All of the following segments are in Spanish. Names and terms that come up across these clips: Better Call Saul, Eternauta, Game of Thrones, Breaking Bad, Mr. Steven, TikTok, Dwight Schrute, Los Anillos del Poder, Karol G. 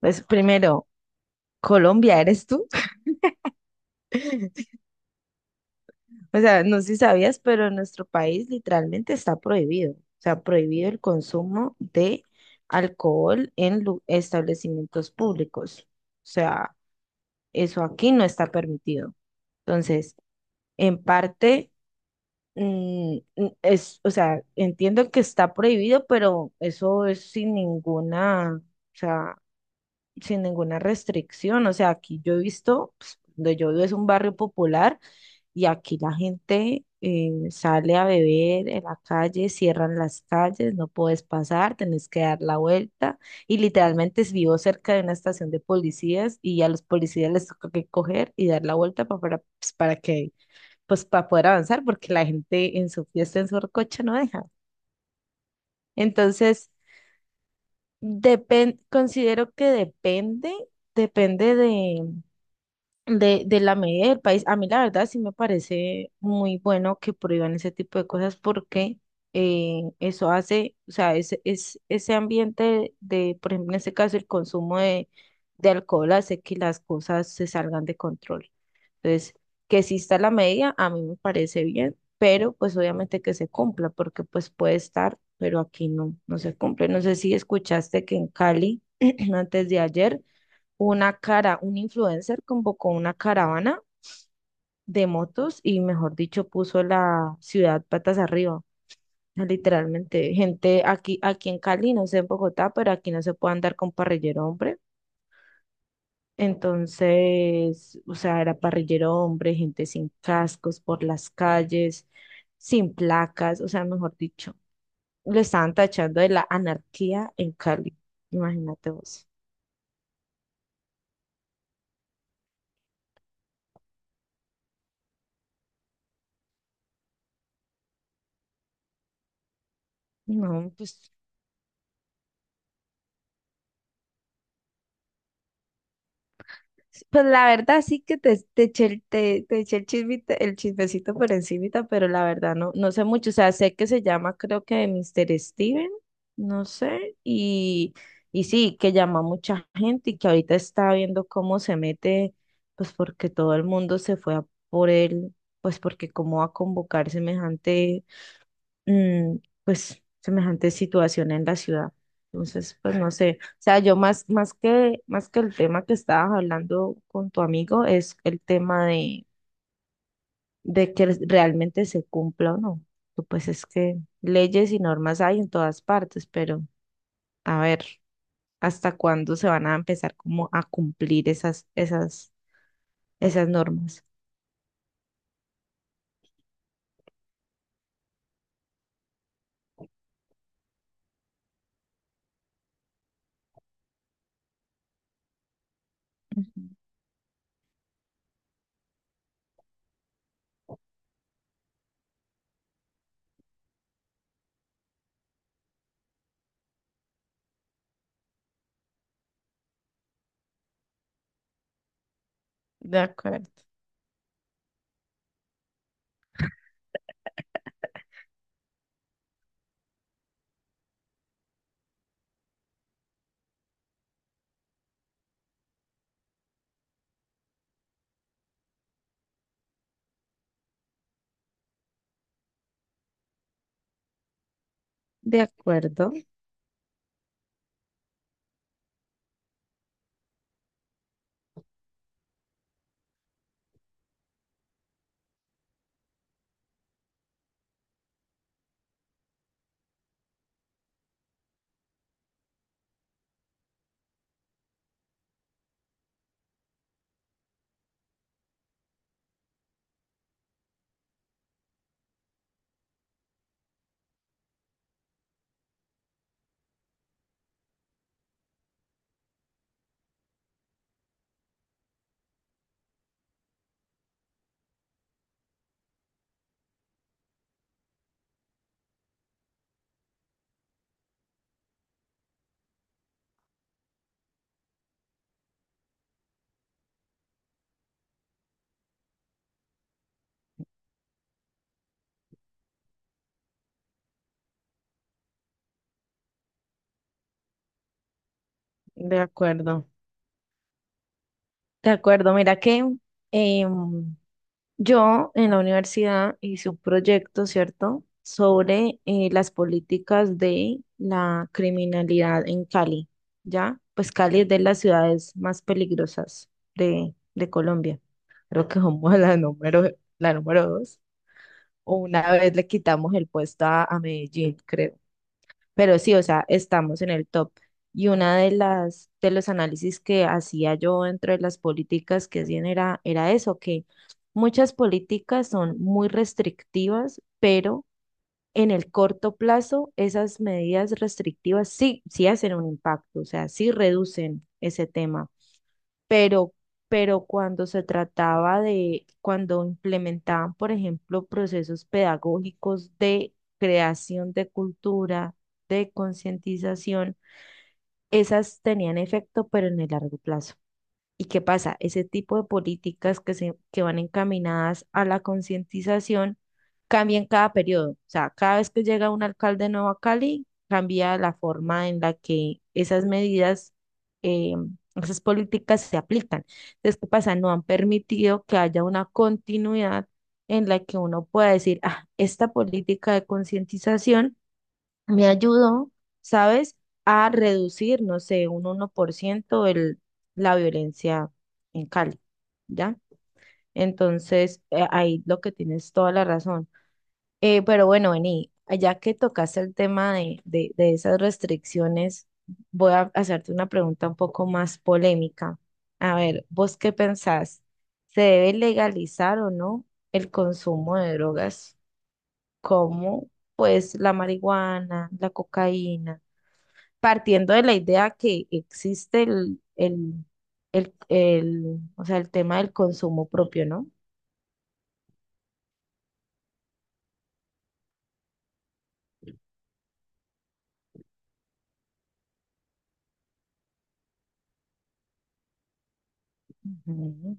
Pues primero, Colombia, ¿eres tú? O sea, no sé si sabías, pero en nuestro país literalmente está prohibido. O sea, prohibido el consumo de alcohol en establecimientos públicos. O sea, eso aquí no está permitido. Entonces, en parte, es, o sea, entiendo que está prohibido, pero eso es sin ninguna, o sea, sin ninguna restricción. O sea, aquí yo he visto, pues, donde yo vivo es un barrio popular. Y aquí la gente sale a beber en la calle, cierran las calles, no puedes pasar, tenés que dar la vuelta. Y literalmente vivo cerca de una estación de policías y a los policías les toca que coger y dar la vuelta para, pues, para que, pues, para poder avanzar, porque la gente en su fiesta, en su recocha no deja. Entonces, considero que depende de de la medida del país. A mí la verdad sí me parece muy bueno que prohíban ese tipo de cosas porque eso hace, o sea, ese ambiente de, por ejemplo, en este caso el consumo de alcohol hace que las cosas se salgan de control. Entonces, que exista la medida, a mí me parece bien, pero pues obviamente que se cumpla porque pues puede estar, pero aquí no, no se cumple. No sé si escuchaste que en Cali, antes de ayer, un influencer convocó una caravana de motos y, mejor dicho, puso la ciudad patas arriba. O sea, literalmente, gente aquí, aquí en Cali, no sé en Bogotá, pero aquí no se puede andar con parrillero hombre. Entonces, o sea, era parrillero hombre, gente sin cascos por las calles, sin placas, o sea, mejor dicho, lo estaban tachando de la anarquía en Cali. Imagínate vos. No, pues sí, pues la verdad sí que te eché, te, te eché el el chismecito por encimita, pero la verdad no, no sé mucho. O sea, sé que se llama creo que Mr. Steven, no sé, y sí, que llama a mucha gente y que ahorita está viendo cómo se mete, pues porque todo el mundo se fue a por él, pues porque cómo va a convocar semejante, mm, pues, semejante situación en la ciudad. Entonces, pues no sé, o sea, yo más, más que el tema que estabas hablando con tu amigo es el tema de que realmente se cumpla o no. Tú, pues es que leyes y normas hay en todas partes, pero a ver, ¿hasta cuándo se van a empezar como a cumplir esas normas? Ujú. De acuerdo, de acuerdo. De acuerdo, de acuerdo. Mira que em, yo en la universidad hice un proyecto, ¿cierto?, sobre las políticas de la criminalidad en Cali, ¿ya? Pues Cali es de las ciudades más peligrosas de, Colombia. Creo que somos la número 2. O una vez le quitamos el puesto a, Medellín, creo. Pero sí, o sea, estamos en el top. Y una de las de los análisis que hacía yo dentro de las políticas que hacían era eso, que muchas políticas son muy restrictivas, pero en el corto plazo esas medidas restrictivas sí, sí hacen un impacto, o sea, sí reducen ese tema, pero, cuando se trataba de, cuando implementaban, por ejemplo, procesos pedagógicos de creación de cultura, de concientización, esas tenían efecto, pero en el largo plazo. ¿Y qué pasa? Ese tipo de políticas que, se, que van encaminadas a la concientización cambian cada periodo. O sea, cada vez que llega un alcalde nuevo a Cali, cambia la forma en la que esas medidas, eh, esas políticas se aplican. Entonces, ¿qué pasa? No han permitido que haya una continuidad en la que uno pueda decir, ah, esta política de concientización me ayudó, ¿sabes?, a reducir, no sé, un 1% el, la violencia en Cali, ¿ya? Entonces, ahí lo que tienes toda la razón. Pero bueno, Beni, ya que tocaste el tema de, de esas restricciones, voy a hacerte una pregunta un poco más polémica. A ver, ¿vos qué pensás? ¿Se debe legalizar o no el consumo de drogas como, pues, la marihuana, la cocaína? Partiendo de la idea que existe o sea, el tema del consumo propio, ¿no? Ujú.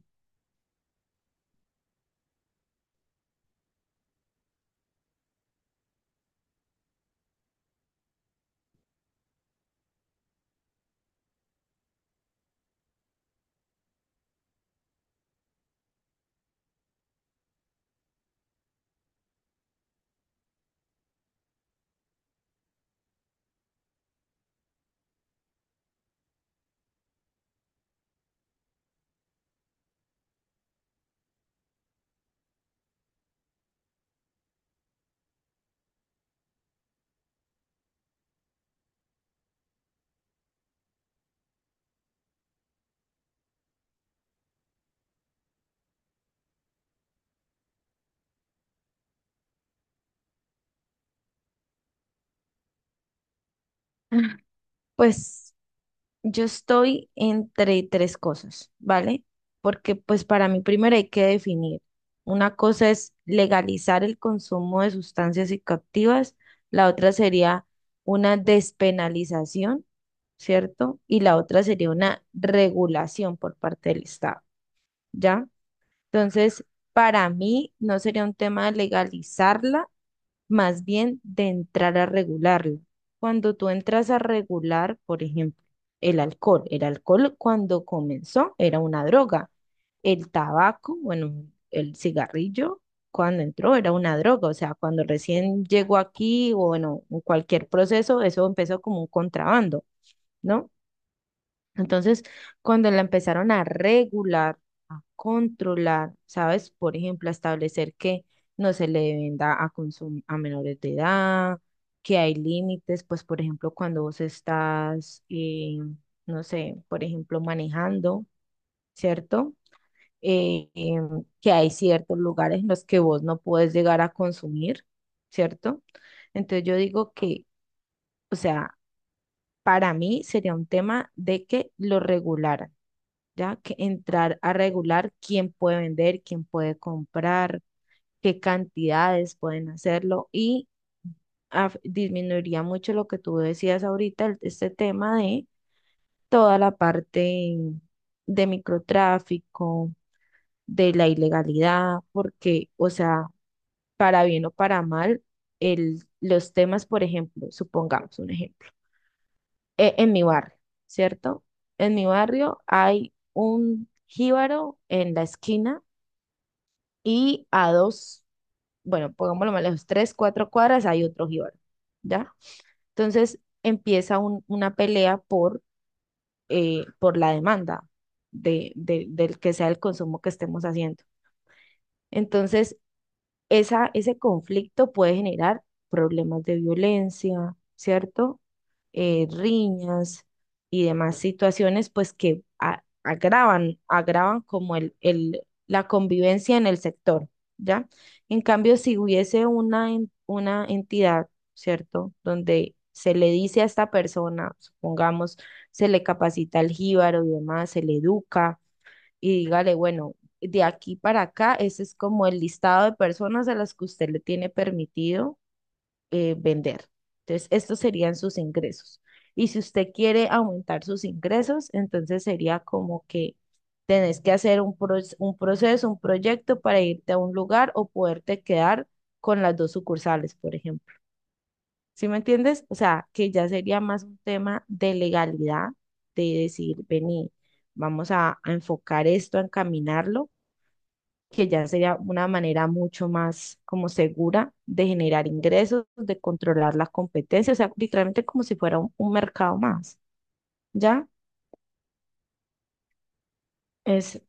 Pues yo estoy entre tres cosas, ¿vale? Porque pues para mí primero hay que definir. Una cosa es legalizar el consumo de sustancias psicoactivas, la otra sería una despenalización, ¿cierto? Y la otra sería una regulación por parte del Estado, ¿ya? Entonces, para mí no sería un tema de legalizarla, más bien de entrar a regularlo. Cuando tú entras a regular, por ejemplo, el alcohol cuando comenzó era una droga, el tabaco, bueno, el cigarrillo cuando entró era una droga, o sea, cuando recién llegó aquí o bueno, en cualquier proceso, eso empezó como un contrabando, ¿no? Entonces, cuando la empezaron a regular, a controlar, ¿sabes? Por ejemplo, a establecer que no se le venda a consum a menores de edad, que hay límites, pues por ejemplo, cuando vos estás, no sé, por ejemplo, manejando, ¿cierto? Que hay ciertos lugares en los que vos no puedes llegar a consumir, ¿cierto? Entonces yo digo que, o sea, para mí sería un tema de que lo regularan ya que entrar a regular quién puede vender, quién puede comprar, qué cantidades pueden hacerlo y disminuiría mucho lo que tú decías ahorita, este tema de toda la parte de microtráfico, de la ilegalidad, porque, o sea, para bien o para mal, los temas, por ejemplo, supongamos un ejemplo, en mi barrio, ¿cierto? En mi barrio hay un jíbaro en la esquina y a dos, bueno, pongámoslo mal, a los tres, cuatro cuadras hay otro jíbaro, ¿ya? Entonces empieza una pelea por la demanda de, del que sea el consumo que estemos haciendo. Entonces, esa, ese conflicto puede generar problemas de violencia, ¿cierto? Eh, riñas y demás situaciones, pues que agravan como la convivencia en el sector, ¿ya? En cambio, si hubiese una entidad, ¿cierto? Donde se le dice a esta persona, supongamos, se le capacita el jíbaro y demás, se le educa y dígale, bueno, de aquí para acá, ese es como el listado de personas a las que usted le tiene permitido vender. Entonces, estos serían sus ingresos. Y si usted quiere aumentar sus ingresos, entonces sería como que tenés que hacer un proceso, un proyecto para irte a un lugar o poderte quedar con las dos sucursales, por ejemplo. ¿Sí me entiendes? O sea, que ya sería más un tema de legalidad, de decir, vení, vamos a, enfocar esto, a encaminarlo que ya sería una manera mucho más como segura de generar ingresos, de controlar las competencias, o sea, literalmente como si fuera un mercado más, ¿ya? Es,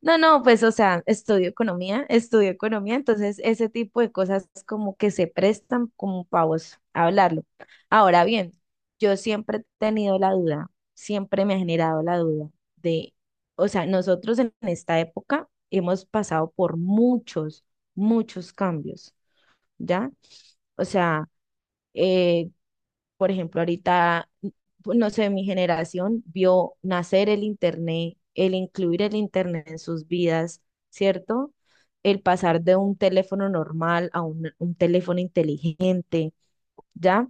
no, no, pues, o sea, estudio economía, entonces ese tipo de cosas como que se prestan como para vos hablarlo. Ahora bien, yo siempre he tenido la duda, siempre me ha generado la duda de, o sea, nosotros en esta época hemos pasado por muchos, muchos cambios. ¿Ya? O sea, eh, por ejemplo, ahorita, pues, no sé, mi generación vio nacer el Internet, el incluir el Internet en sus vidas, ¿cierto? El pasar de un teléfono normal a un teléfono inteligente, ¿ya?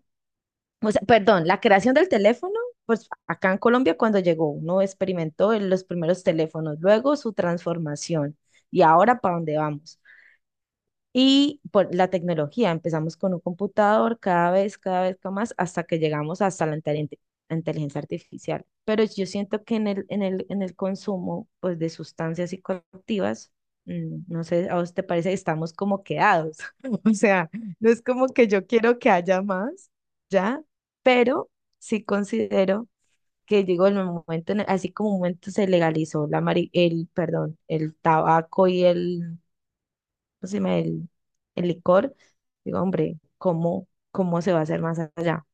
O sea, perdón, la creación del teléfono, pues acá en Colombia cuando llegó uno experimentó en los primeros teléfonos, luego su transformación y ahora para dónde vamos. Y por la tecnología, empezamos con un computador cada vez con más, hasta que llegamos hasta la inteligencia artificial. Pero yo siento que en el consumo, pues, de sustancias psicoactivas, mm, no sé, ¿a vos te parece? Estamos como quedados. O sea, no es como que yo quiero que haya más, ¿ya? Pero sí considero que, digo, en el momento, así como un momento se legalizó el, perdón, el tabaco y el, pues, el licor, digo, hombre, ¿cómo se va a hacer más allá?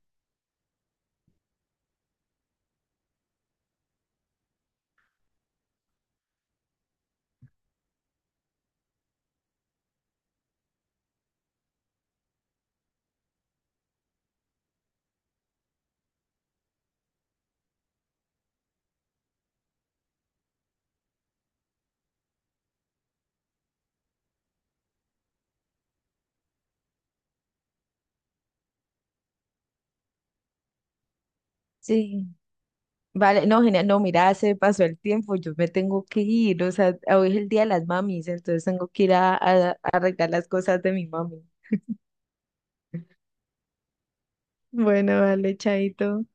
Sí, vale, no, genial, no, mira, se pasó el tiempo, yo me tengo que ir, o sea, hoy es el día de las mamis, entonces tengo que ir a, arreglar las cosas de mi mami. Bueno, vale, chaito.